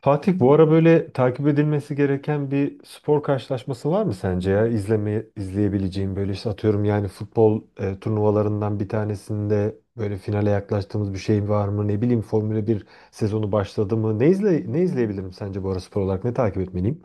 Fatih bu ara böyle takip edilmesi gereken bir spor karşılaşması var mı sence ya? İzleyebileceğim böyle işte atıyorum yani futbol turnuvalarından bir tanesinde böyle finale yaklaştığımız bir şey var mı? Ne bileyim Formula 1 sezonu başladı mı? Ne izleyebilirim sence bu ara spor olarak? Ne takip etmeliyim?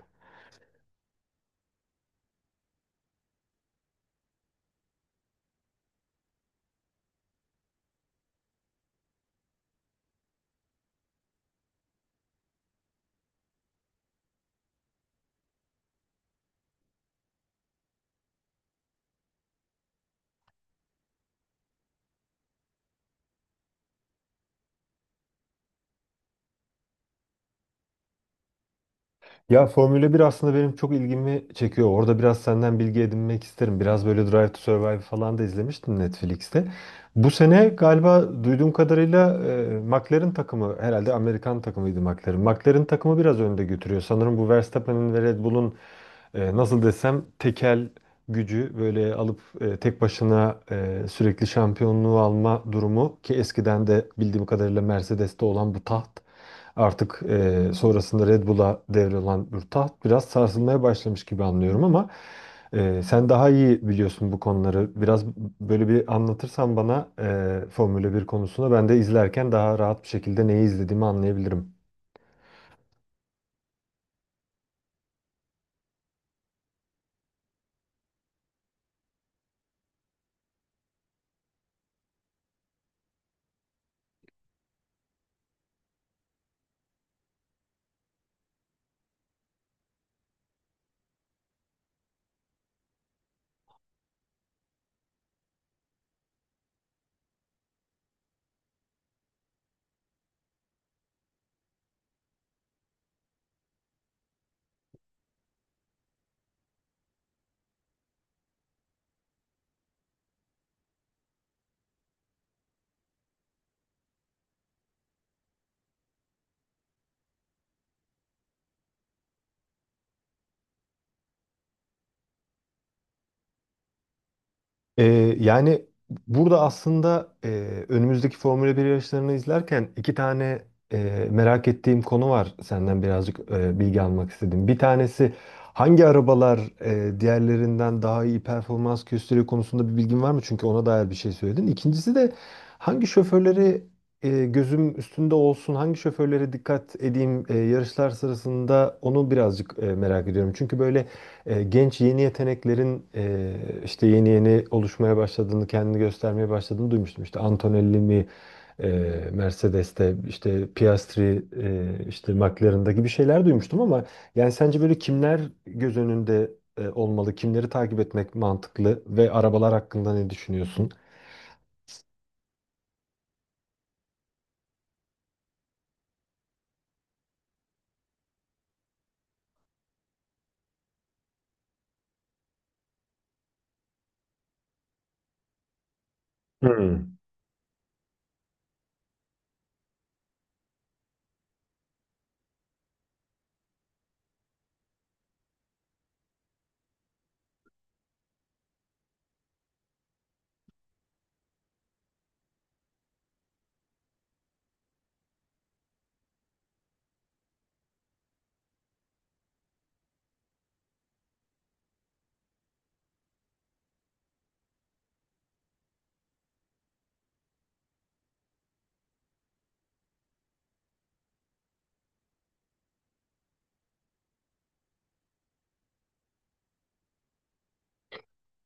Ya Formula 1 aslında benim çok ilgimi çekiyor. Orada biraz senden bilgi edinmek isterim. Biraz böyle Drive to Survive falan da izlemiştim Netflix'te. Bu sene galiba duyduğum kadarıyla McLaren takımı, herhalde Amerikan takımıydı McLaren. McLaren takımı biraz önde götürüyor. Sanırım bu Verstappen'in ve Red Bull'un nasıl desem tekel gücü böyle alıp tek başına sürekli şampiyonluğu alma durumu ki eskiden de bildiğim kadarıyla Mercedes'te olan bu taht artık sonrasında Red Bull'a devrolan bir taht biraz sarsılmaya başlamış gibi anlıyorum ama sen daha iyi biliyorsun bu konuları. Biraz böyle bir anlatırsan bana Formula 1 konusunda ben de izlerken daha rahat bir şekilde neyi izlediğimi anlayabilirim. Ee, Yani burada aslında önümüzdeki Formula 1 yarışlarını izlerken iki tane merak ettiğim konu var. Senden birazcık bilgi almak istedim. Bir tanesi hangi arabalar diğerlerinden daha iyi performans gösteriyor konusunda bir bilgin var mı? Çünkü ona dair bir şey söyledin. İkincisi de hangi şoförleri gözüm üstünde olsun, hangi şoförlere dikkat edeyim yarışlar sırasında onu birazcık merak ediyorum. Çünkü böyle genç yeni yeteneklerin işte yeni yeni oluşmaya başladığını, kendini göstermeye başladığını duymuştum. İşte Antonelli mi e, Mercedes'te, işte Piastri, işte McLaren'da gibi şeyler duymuştum ama yani sence böyle kimler göz önünde olmalı, kimleri takip etmek mantıklı ve arabalar hakkında ne düşünüyorsun? Hmm.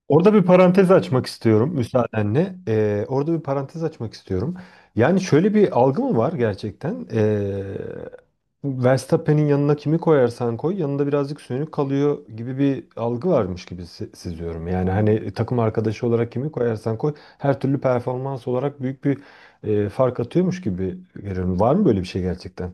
Orada bir parantez açmak istiyorum müsaadenle. Orada bir parantez açmak istiyorum. Yani şöyle bir algı mı var gerçekten? Verstappen'in yanına kimi koyarsan koy yanında birazcık sönük kalıyor gibi bir algı varmış gibi seziyorum. Yani hani takım arkadaşı olarak kimi koyarsan koy her türlü performans olarak büyük bir fark atıyormuş gibi görüyorum. Var mı böyle bir şey gerçekten?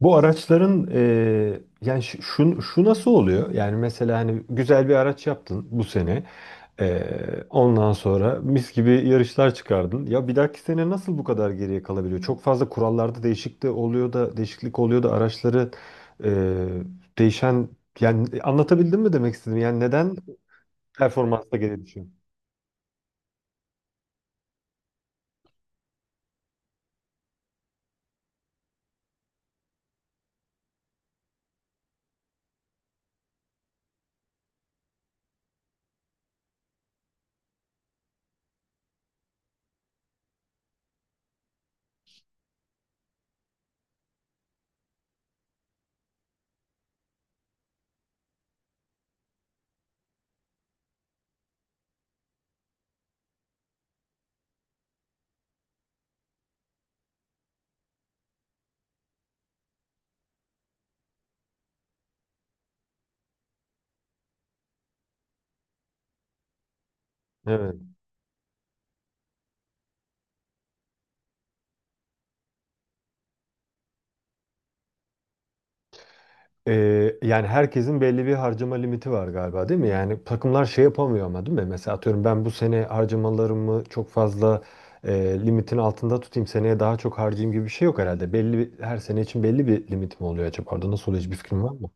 Bu araçların yani şu nasıl oluyor? Yani mesela hani güzel bir araç yaptın bu sene. Ondan sonra mis gibi yarışlar çıkardın. Ya bir dahaki sene nasıl bu kadar geriye kalabiliyor? Çok fazla kurallarda değişiklik oluyor da araçları eee, değişen yani anlatabildim mi demek istedim? Yani neden performansta geri düşüyor? Evet. Yani herkesin belli bir harcama limiti var galiba değil mi? Yani takımlar şey yapamıyor ama değil mi? Mesela atıyorum ben bu sene harcamalarımı çok fazla limitin altında tutayım seneye daha çok harcayayım gibi bir şey yok herhalde. Her sene için belli bir limit mi oluyor acaba? Orada nasıl oluyor hiçbir fikrim var mı?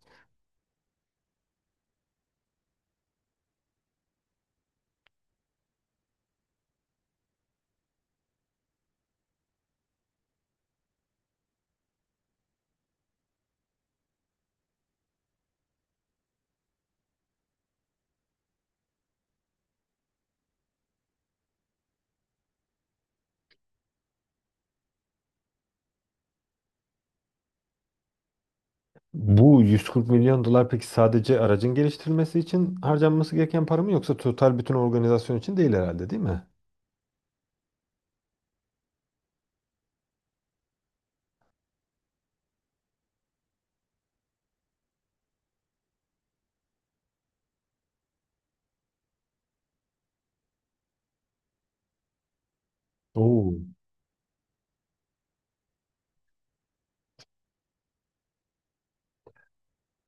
Bu 140 milyon dolar peki sadece aracın geliştirilmesi için harcanması gereken para mı yoksa total bütün organizasyon için değil herhalde değil mi? Oo.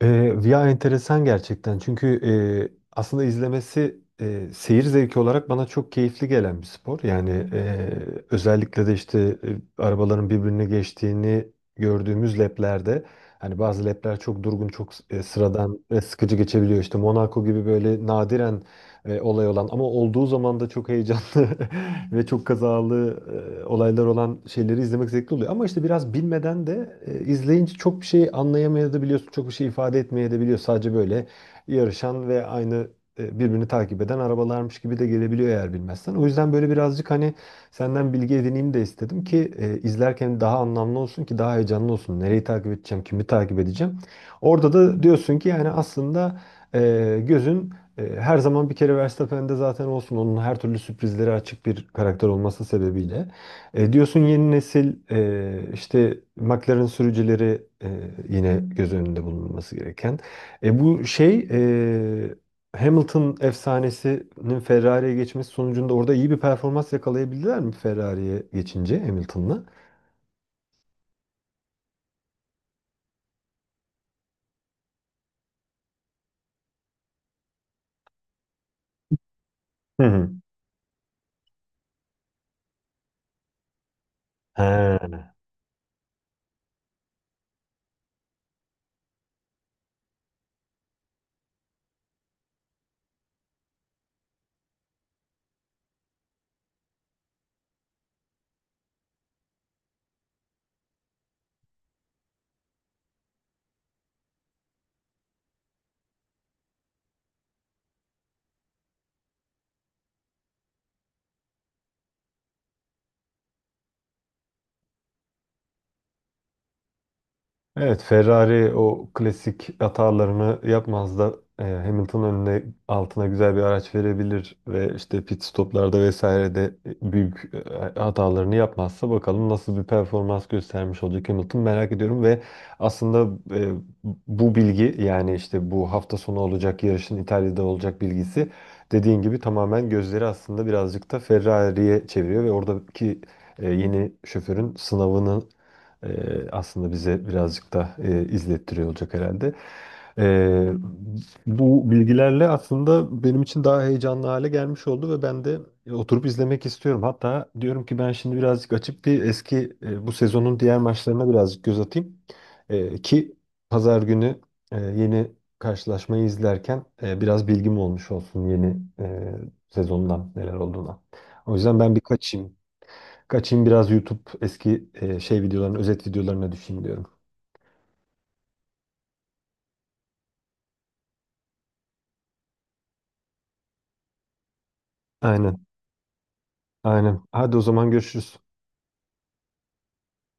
Via enteresan gerçekten. Çünkü aslında izlemesi seyir zevki olarak bana çok keyifli gelen bir spor. Yani özellikle de işte arabaların birbirine geçtiğini gördüğümüz leplerde hani bazı lepler çok durgun, çok sıradan ve sıkıcı geçebiliyor. İşte Monaco gibi böyle nadiren olay olan ama olduğu zaman da çok heyecanlı ve çok kazalı olaylar olan şeyleri izlemek zevkli oluyor. Ama işte biraz bilmeden de izleyince çok bir şey anlayamayabiliyorsun, çok bir şey ifade etmeyebiliyor. Sadece böyle yarışan ve aynı birbirini takip eden arabalarmış gibi de gelebiliyor eğer bilmezsen. O yüzden böyle birazcık hani senden bilgi edineyim de istedim ki izlerken daha anlamlı olsun ki daha heyecanlı olsun. Nereyi takip edeceğim, kimi takip edeceğim. Orada da diyorsun ki yani aslında gözün her zaman bir kere Verstappen'de zaten olsun onun her türlü sürprizlere açık bir karakter olması sebebiyle. Diyorsun yeni nesil işte McLaren sürücüleri yine göz önünde bulunması gereken. Bu şey Hamilton efsanesinin Ferrari'ye geçmesi sonucunda orada iyi bir performans yakalayabildiler mi Ferrari'ye geçince Hamilton'la? Hı hı. He. Evet, Ferrari o klasik hatalarını yapmaz da Hamilton önüne altına güzel bir araç verebilir ve işte pit stoplarda vesaire de büyük hatalarını yapmazsa bakalım nasıl bir performans göstermiş olacak Hamilton merak ediyorum ve aslında bu bilgi yani işte bu hafta sonu olacak yarışın İtalya'da olacak bilgisi dediğin gibi tamamen gözleri aslında birazcık da Ferrari'ye çeviriyor ve oradaki yeni şoförün sınavını aslında bize birazcık da izlettiriyor olacak herhalde. E, Bu bilgilerle aslında benim için daha heyecanlı hale gelmiş oldu ve ben de oturup izlemek istiyorum. Hatta diyorum ki ben şimdi birazcık açıp bir eski bu sezonun diğer maçlarına birazcık göz atayım. Ki pazar günü yeni karşılaşmayı izlerken biraz bilgim olmuş olsun yeni sezondan neler olduğuna. O yüzden ben birkaç kaçayım biraz YouTube eski şey videolarını, özet videolarına düşeyim diyorum. Aynen, aynen. Hadi o zaman görüşürüz.